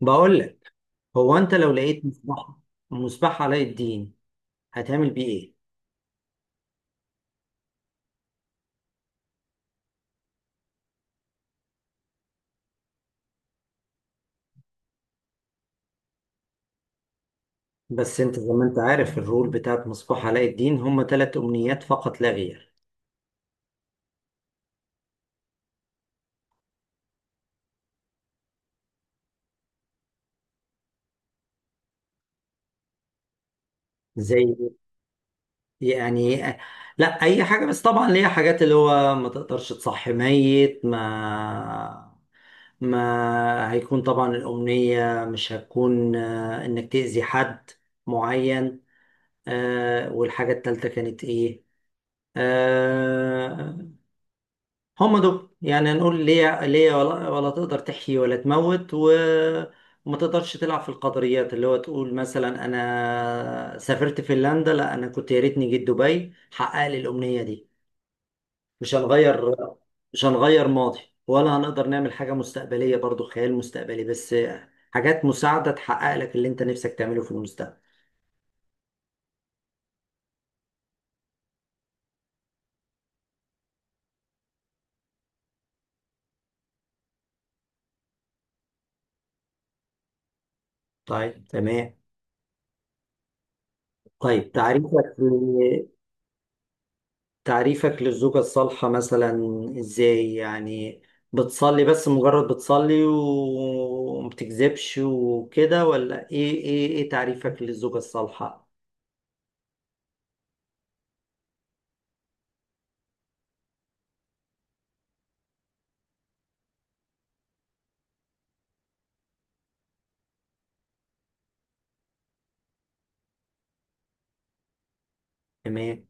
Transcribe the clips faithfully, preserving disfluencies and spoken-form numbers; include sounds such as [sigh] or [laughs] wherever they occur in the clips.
بقول لك. هو انت لو لقيت مصباح، مصباح علاء الدين، هتعمل بيه ايه؟ بس انت زي ما انت عارف، الرول بتاعت مصباح علاء الدين هم ثلاث امنيات فقط لا غير. زي يعني لا، اي حاجه، بس طبعا ليها حاجات اللي هو ما تقدرش تصحي ميت. ما ما هيكون طبعا الامنيه مش هتكون، آه، انك تاذي حد معين. آه، والحاجه الثالثه كانت ايه؟ آه هم دول. يعني نقول ليه ليه، ولا, ولا تقدر تحيي ولا تموت، و- وما تقدرش تلعب في القدريات، اللي هو تقول مثلا انا سافرت فنلندا، لا انا كنت يا ريتني جيت دبي حقق لي الامنيه دي. مش هنغير مش هنغير ماضي، ولا هنقدر نعمل حاجه مستقبليه، برضو خيال مستقبلي بس. حاجات مساعده تحقق لك اللي انت نفسك تعمله في المستقبل. طيب تمام. طيب تعريفك تعريفك للزوجة الصالحة مثلا، ازاي يعني؟ بتصلي، بس مجرد بتصلي ومبتكذبش وكده، ولا ايه ايه ايه تعريفك للزوجة الصالحة؟ تمام.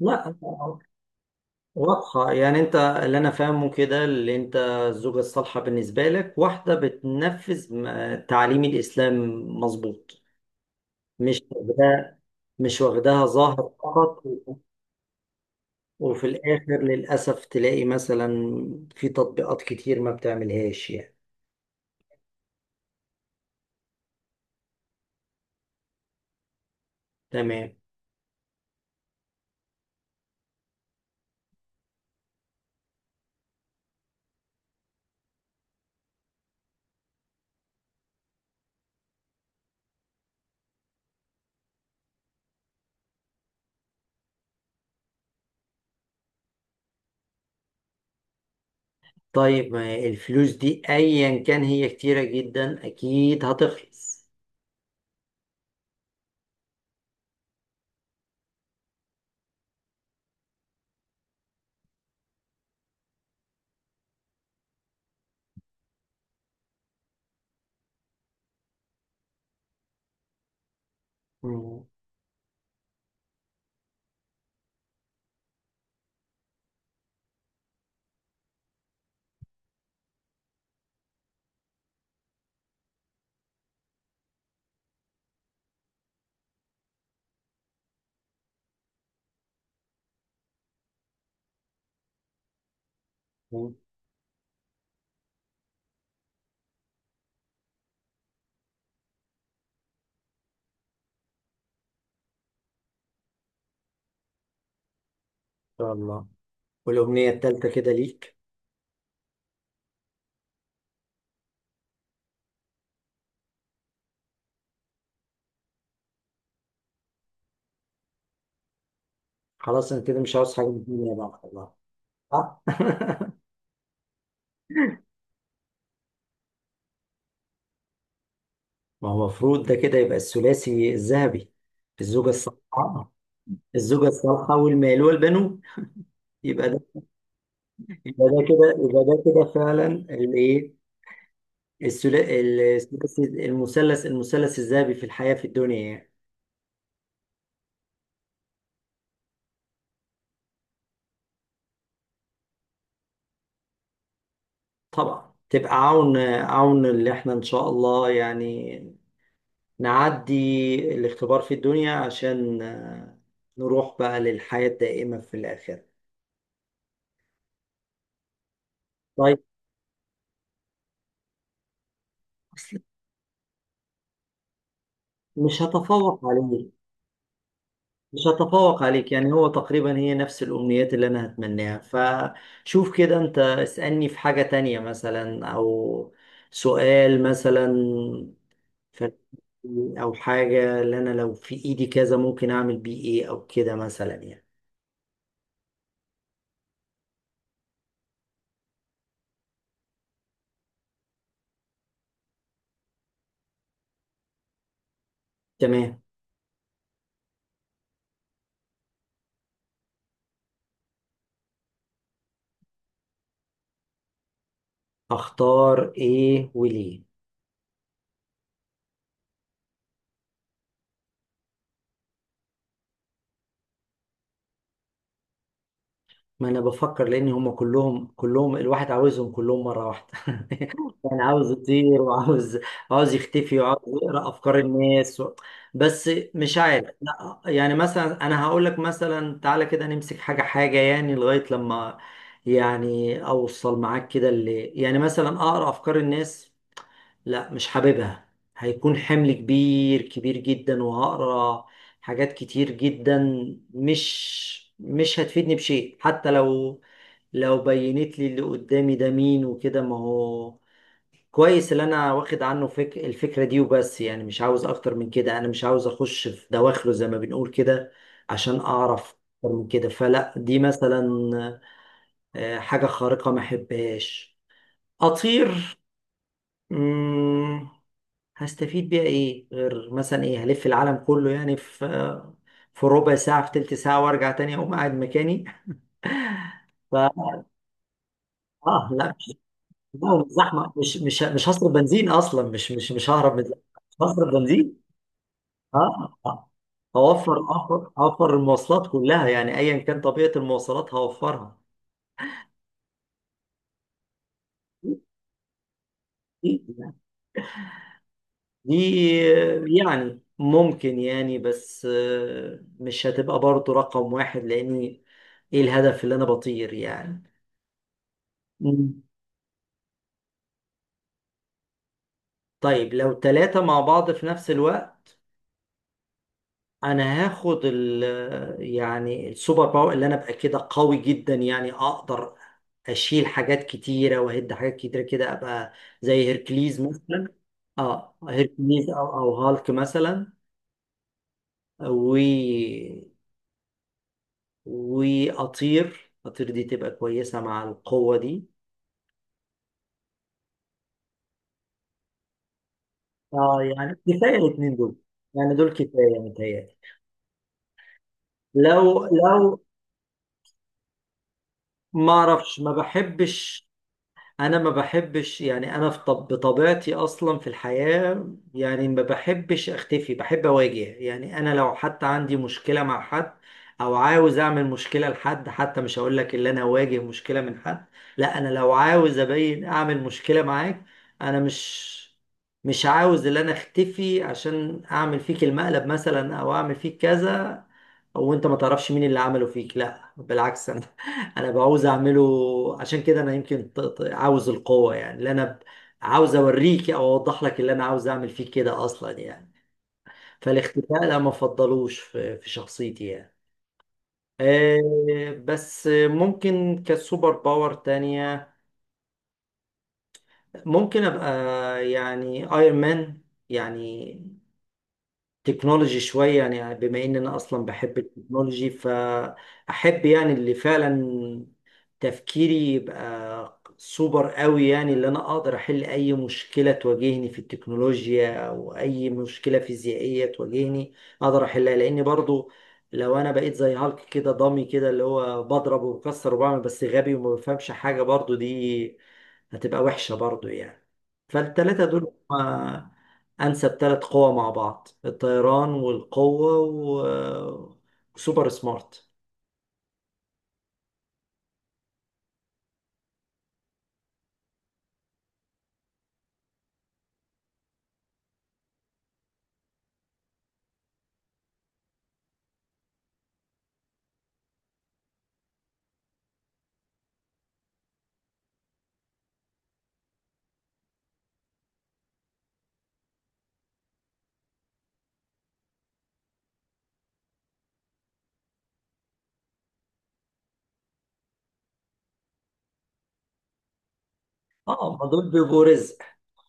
لا، واضحة يعني. انت اللي انا فاهمه كده، اللي انت الزوجة الصالحة بالنسبة لك واحدة بتنفذ م- تعاليم الاسلام. مظبوط. مش واخداها مش واخداها ظاهر فقط، وفي الآخر للأسف تلاقي مثلا في تطبيقات كتير ما بتعملهاش يعني. تمام. طيب، ما الفلوس دي أيا كان هي كتيرة جدا أكيد هتخلص. مم. إن شاء الله. والأمنية التالتة كده ليك. خلاص أنا كده مش عاوز حاجة من الدنيا بقى والله. صح؟ [laughs] ما هو المفروض ده كده يبقى الثلاثي الذهبي. الزوجة الصالحة، الزوجة الصالحة والمال والبنون. يبقى ده، يبقى ده كده، يبقى ده كده فعلا الإيه، السلا... ال- الثلاثي- المثلث المثلث الذهبي في الحياة، في الدنيا يعني. طبعا تبقى عون عون اللي احنا ان شاء الله يعني نعدي الاختبار في الدنيا عشان آه، نروح بقى للحياة الدائمة في الآخرة. طيب. أصل مش هتفوق عليك مش هتفوق عليك، يعني هو تقريبا هي نفس الأمنيات اللي أنا هتمناها. فشوف كده، أنت اسألني في حاجة تانية مثلا، أو سؤال مثلا. فن- او حاجة اللي انا لو في ايدي كذا ممكن اعمل بيه ايه، او كده مثلا يعني. تمام. اختار ايه وليه؟ ما انا بفكر، لان هم كلهم كلهم الواحد عاوزهم كلهم مرة واحدة. [laughs] يعني عاوز يطير، وعاوز، عاوز يختفي، وعاوز يقرأ افكار الناس و... بس مش عارف. لا، يعني مثلا انا هقول لك مثلا، تعالى كده نمسك حاجة حاجة، يعني لغاية لما يعني اوصل معاك كده، اللي يعني مثلا اقرا افكار الناس. لا، مش حاببها. هيكون حمل كبير كبير جدا، وهقرا حاجات كتير جدا، مش مش هتفيدني بشيء. حتى لو لو بينت لي اللي قدامي ده مين وكده، ما هو كويس اللي انا واخد عنه فك... الفكرة دي وبس يعني. مش عاوز اكتر من كده. انا مش عاوز اخش في دواخله زي ما بنقول كده عشان اعرف اكتر من كده. فلا، دي مثلا، آه، حاجة خارقة ما احبهاش. اطير؟ مم، هستفيد بيها ايه، غير مثلا ايه، هلف العالم كله يعني، في في ربع ساعة، في تلت ساعة، وارجع تاني اقوم قاعد مكاني. ف، اه، لا مش. لا، الزحمة، مش مش مش هصرف بنزين اصلا، مش مش مش ههرب من الزحمة. مش هصرف بنزين. اه، آه. آه. اوفر اوفر اوفر المواصلات كلها يعني، ايا كان طبيعة المواصلات هوفرها. دي يعني ممكن يعني، بس آه، مش هتبقى برضه رقم واحد، لاني ايه الهدف اللي انا بطير يعني؟ مم. طيب لو ثلاثة مع بعض في نفس الوقت، أنا هاخد ال، يعني السوبر باور، اللي أنا أبقى كده قوي جدا، يعني أقدر أشيل حاجات كتيرة وأهد حاجات كتيرة كده، أبقى زي هيركليز مثلا. أه، هيركليز أو أو هالك مثلا. و وأطير. أطير دي تبقى كويسة مع القوة دي. أه يعني كفاية الاتنين دول، يعني دول كفاية متهيألي. لو لو ما أعرفش، ما بحبش. انا ما بحبش يعني، انا في طب بطبيعتي اصلا في الحياة يعني ما بحبش اختفي، بحب اواجه يعني. انا لو حتى عندي مشكلة مع حد، او عاوز اعمل مشكلة لحد، حتى مش هقول لك اللي انا اواجه مشكلة من حد. لا، انا لو عاوز ابين اعمل مشكلة معاك، انا مش مش عاوز اللي انا اختفي عشان اعمل فيك المقلب مثلا او اعمل فيك كذا وانت ما تعرفش مين اللي عمله فيك. لا بالعكس، انا، انا بعوز اعمله. عشان كده انا يمكن ط- ط- عاوز القوه، يعني اللي انا ب- عاوز اوريك او اوضح لك اللي انا عاوز اعمل فيك كده اصلا يعني. فالاختفاء لا، ما افضلوش في في شخصيتي يعني. آه، بس ممكن كسوبر باور تانية، ممكن ابقى يعني ايرون مان، يعني تكنولوجي شوية يعني. بما إن أنا أصلا بحب التكنولوجي، فأحب يعني اللي فعلا تفكيري يبقى سوبر قوي، يعني اللي أنا أقدر أحل أي مشكلة تواجهني في التكنولوجيا أو أي مشكلة فيزيائية تواجهني أقدر أحلها. لأن برضو لو أنا بقيت زي هالك كده، ضامي كده، اللي هو بضرب وبكسر وبعمل بس غبي وما بفهمش حاجة، برضو دي هتبقى وحشة برضو يعني. فالتلاتة دول انسب ثلاث قوى مع بعض: الطيران والقوة، و- وسوبر سمارت. اه، ما دول بيبقوا رزق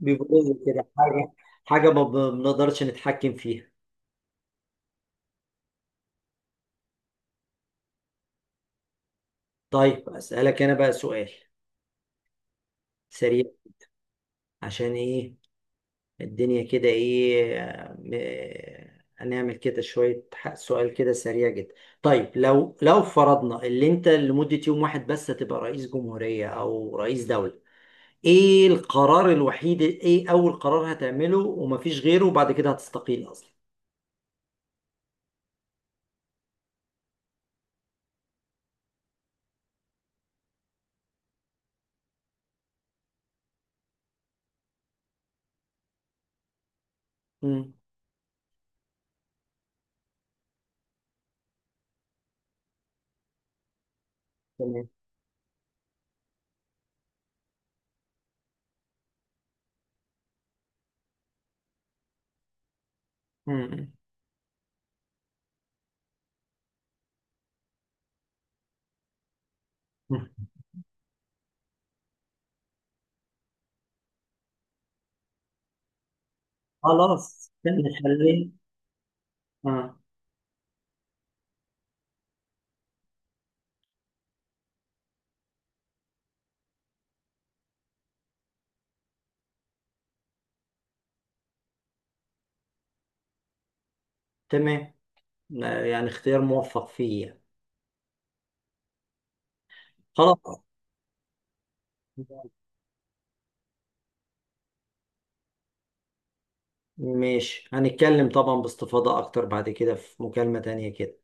بيبقوا رزق كده، حاجة حاجة ما بنقدرش نتحكم فيها. طيب اسألك انا بقى سؤال سريع. عشان ايه الدنيا كده، ايه آه، م- آه، هنعمل كده شوية، ح- سؤال كده سريع جدا. طيب لو لو فرضنا اللي انت لمدة يوم واحد بس هتبقى رئيس جمهورية او رئيس دولة، ايه القرار الوحيد، ايه اول قرار هتعمله ومفيش غيره وبعد كده هتستقيل اصلا؟ امم. تمام. امم. أمم. خلاص نخليه. اه. تمام. آه، يعني اختيار موفق فيه يعني. خلاص، ماشي، هنتكلم طبعا باستفاضة اكتر بعد كده في مكالمة تانية كده.